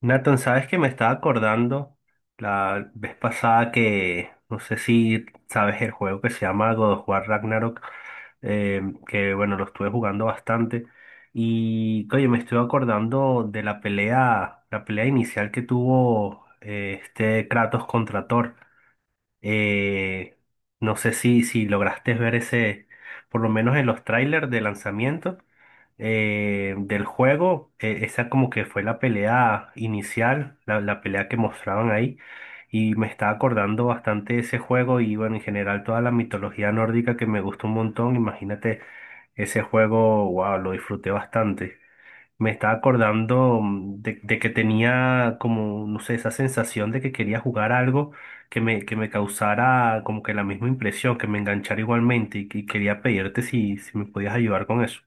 Nathan, sabes que me estaba acordando la vez pasada que, no sé si sabes el juego que se llama God of War Ragnarok. eh, que bueno, lo estuve jugando bastante. Y oye, me estoy acordando de la pelea inicial que tuvo, este Kratos contra Thor. Eh, no sé si lograste ver ese, por lo menos en los trailers de lanzamiento del juego. Esa como que fue la pelea inicial, la pelea que mostraban ahí. Y me estaba acordando bastante de ese juego y, bueno, en general toda la mitología nórdica que me gustó un montón. Imagínate, ese juego, wow, lo disfruté bastante. Me estaba acordando, de que tenía como, no sé, esa sensación de que quería jugar algo que me, causara como que la misma impresión, que me enganchara igualmente, y quería pedirte si me podías ayudar con eso.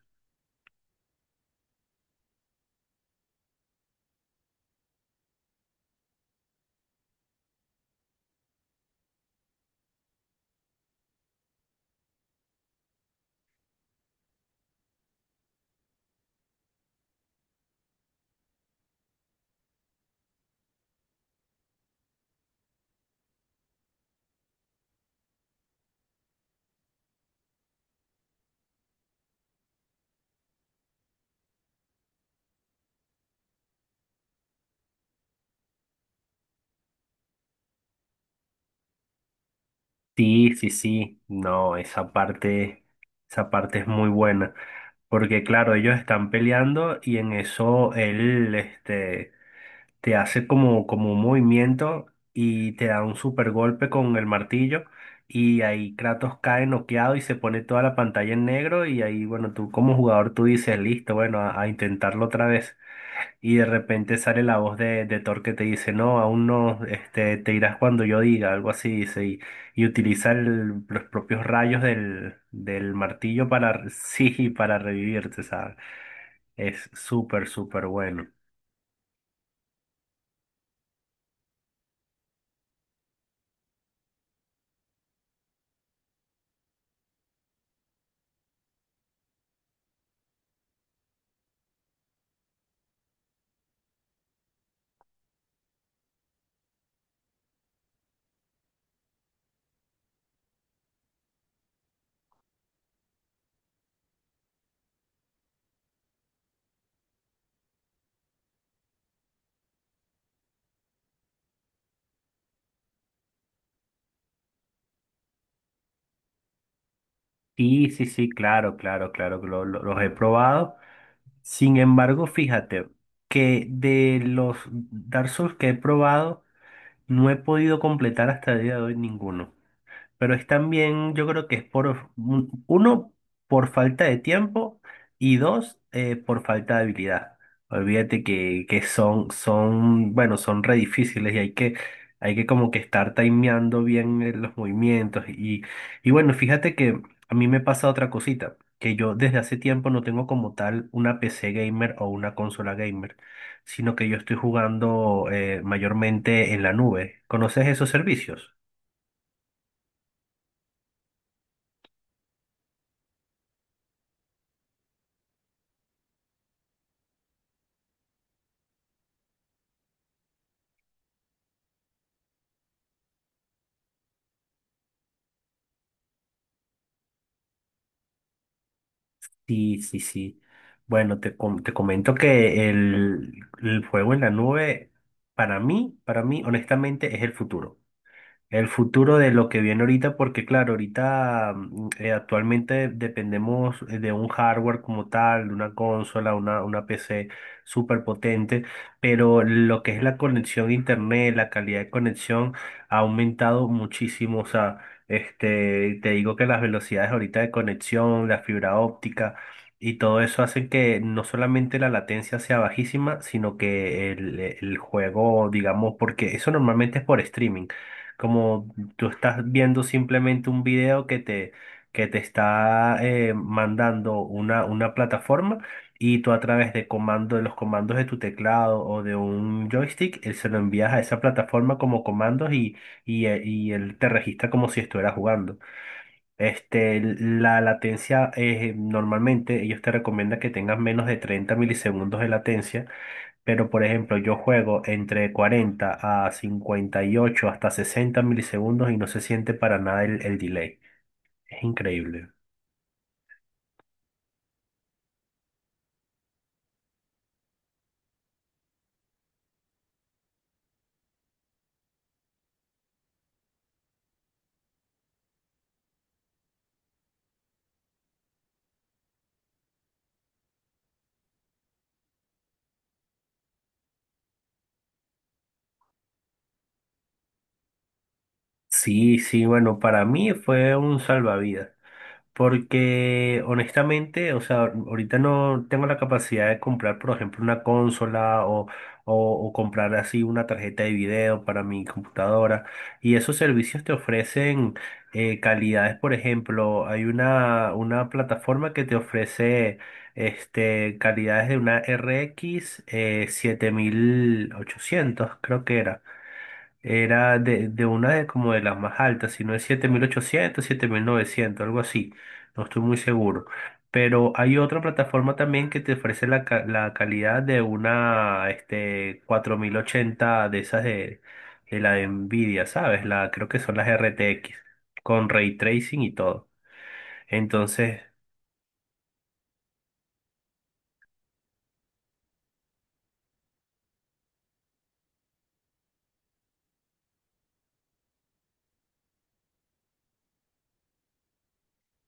Sí, sí, sí, no, esa parte es muy buena, porque claro, ellos están peleando, y en eso él, te hace como, un movimiento y te da un super golpe con el martillo, y ahí Kratos cae noqueado y se pone toda la pantalla en negro. Y ahí, bueno, tú como jugador, tú dices, listo, bueno, a intentarlo otra vez. Y de repente sale la voz de, Thor que te dice, no, aún no, te irás cuando yo diga, algo así, dice. Y utiliza los propios rayos del martillo para, sí, para revivirte, ¿sabes? Es súper, súper bueno. Y sí, sí, claro, claro, claro, que los he probado. Sin embargo, fíjate que de los Dark Souls que he probado, no he podido completar hasta el día de hoy ninguno. Pero es también, yo creo que es por, uno, por falta de tiempo, y dos, por falta de habilidad. Olvídate que, son, bueno, son re difíciles y hay que, como que estar timeando bien los movimientos. Y bueno, fíjate que a mí me pasa otra cosita, que yo desde hace tiempo no tengo como tal una PC gamer o una consola gamer, sino que yo estoy jugando mayormente en la nube. ¿Conoces esos servicios? Sí, sí, sí. Bueno, te, te comento que el juego en la nube, para mí, honestamente, es el futuro. El futuro de lo que viene ahorita, porque claro, ahorita, actualmente dependemos, de un hardware como tal, de una consola, una, PC súper potente, pero lo que es la conexión a internet, la calidad de conexión ha aumentado muchísimo. O sea, te digo que las velocidades ahorita de conexión, la fibra óptica y todo eso hace que no solamente la latencia sea bajísima, sino que el juego, digamos, porque eso normalmente es por streaming, como tú estás viendo simplemente un video que te, está mandando una, plataforma, y tú a través de comando, de los comandos de tu teclado o de un joystick, él se lo envías a esa plataforma como comandos. Y él te registra como si estuvieras jugando. La latencia, normalmente ellos te recomiendan que tengas menos de 30 milisegundos de latencia, pero, por ejemplo, yo juego entre 40 a 58 hasta 60 milisegundos y no se siente para nada el delay. Es increíble. Sí, sí, bueno, para mí fue un salvavidas. Porque honestamente, o sea, ahorita no tengo la capacidad de comprar, por ejemplo, una consola, o, o comprar así una tarjeta de video para mi computadora. Y esos servicios te ofrecen calidades. Por ejemplo, hay una, plataforma que te ofrece, calidades de una RX, 7800, creo que era. Era de, una de como de las más altas. Si no es 7800, 7900, algo así. No estoy muy seguro. Pero hay otra plataforma también que te ofrece la, la calidad de una, 4080, de esas de, la de Nvidia, ¿sabes? Creo que son las RTX, con ray tracing y todo. Entonces,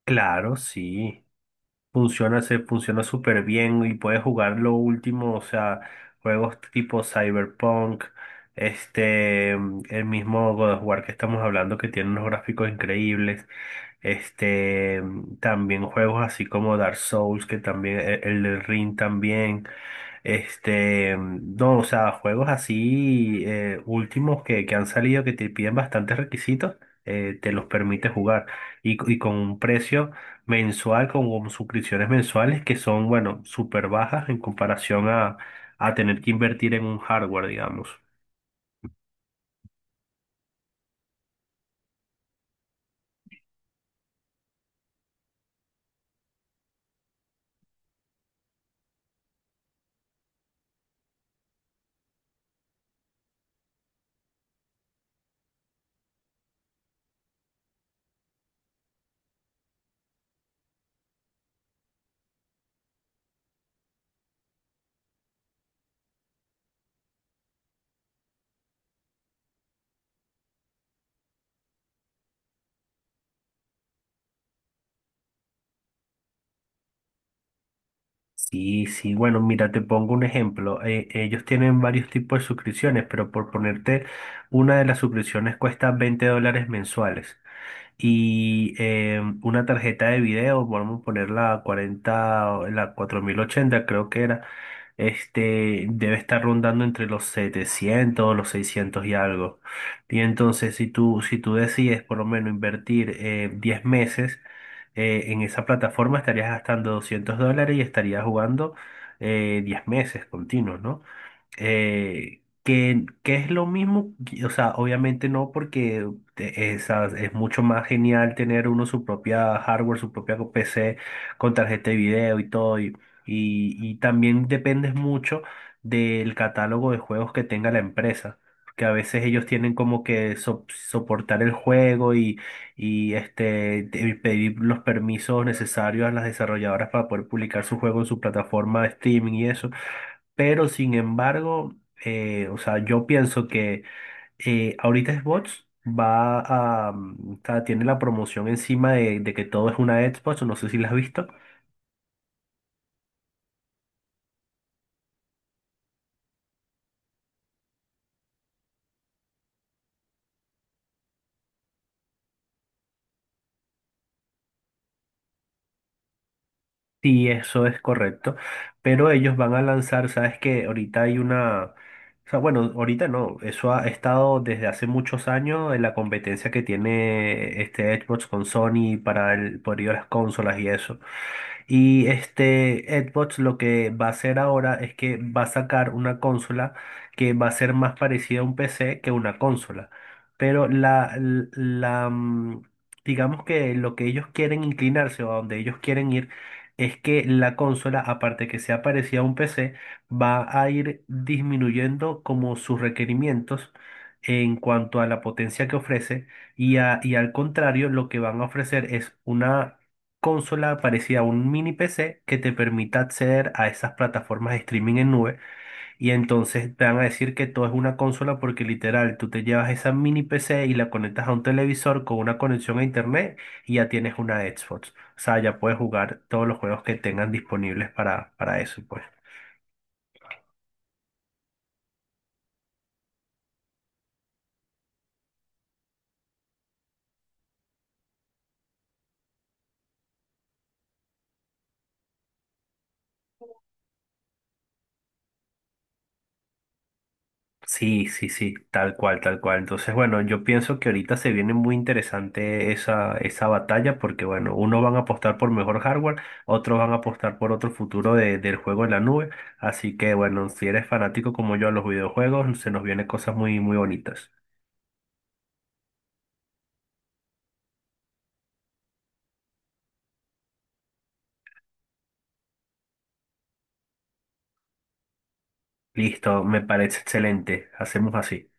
claro, sí. Se funciona súper bien y puedes jugar lo último. O sea, juegos tipo Cyberpunk, el mismo God of War que estamos hablando, que tiene unos gráficos increíbles. este, También juegos así como Dark Souls, que también, el del Ring también. No, o sea, juegos así, últimos, que, han salido, que te piden bastantes requisitos, te los permite jugar. Y con un precio mensual, con, suscripciones mensuales que son, bueno, súper bajas en comparación a, tener que invertir en un hardware, digamos. Sí, sí, bueno, mira, te pongo un ejemplo. Ellos tienen varios tipos de suscripciones, pero por ponerte, una de las suscripciones cuesta $20 mensuales. Y una tarjeta de video, vamos a poner la 40, o la 4080, creo que era, debe estar rondando entre los 700, los 600 y algo. Y entonces, si tú, decides por lo menos invertir, 10 meses, en esa plataforma, estarías gastando $200 y estarías jugando, 10 meses continuos, ¿no? Que, es lo mismo. O sea, obviamente no, porque es, mucho más genial tener uno su propia hardware, su propia PC con tarjeta de video y todo. También dependes mucho del catálogo de juegos que tenga la empresa. Que a veces ellos tienen como que soportar el juego, y pedir los permisos necesarios a las desarrolladoras para poder publicar su juego en su plataforma de streaming y eso. Pero sin embargo, o sea, yo pienso que, ahorita Xbox o sea, tiene la promoción encima de, que todo es una Xbox, no sé si la has visto. Sí, eso es correcto. Pero ellos van a lanzar. Sabes que ahorita hay una, o sea, bueno, ahorita no, eso ha estado desde hace muchos años en la competencia que tiene este Xbox con Sony para el poder de las consolas y eso. Y este Xbox lo que va a hacer ahora es que va a sacar una consola que va a ser más parecida a un PC que una consola. Pero la, l- la, mm, digamos que lo que ellos quieren inclinarse, o a donde ellos quieren ir, es que la consola, aparte que sea parecida a un PC, va a ir disminuyendo como sus requerimientos en cuanto a la potencia que ofrece. Y al contrario, lo que van a ofrecer es una consola parecida a un mini PC que te permita acceder a esas plataformas de streaming en nube. Y entonces te van a decir que todo es una consola, porque literal tú te llevas esa mini PC y la conectas a un televisor con una conexión a internet, y ya tienes una Xbox. O sea, ya puedes jugar todos los juegos que tengan disponibles para, eso, pues. Sí, sí, sí, tal cual, tal cual. Entonces, bueno, yo pienso que ahorita se viene muy interesante esa, batalla, porque, bueno, unos van a apostar por mejor hardware, otros van a apostar por otro futuro del juego en la nube. Así que, bueno, si eres fanático como yo a los videojuegos, se nos vienen cosas muy, muy bonitas. Listo, me parece excelente. Hacemos así.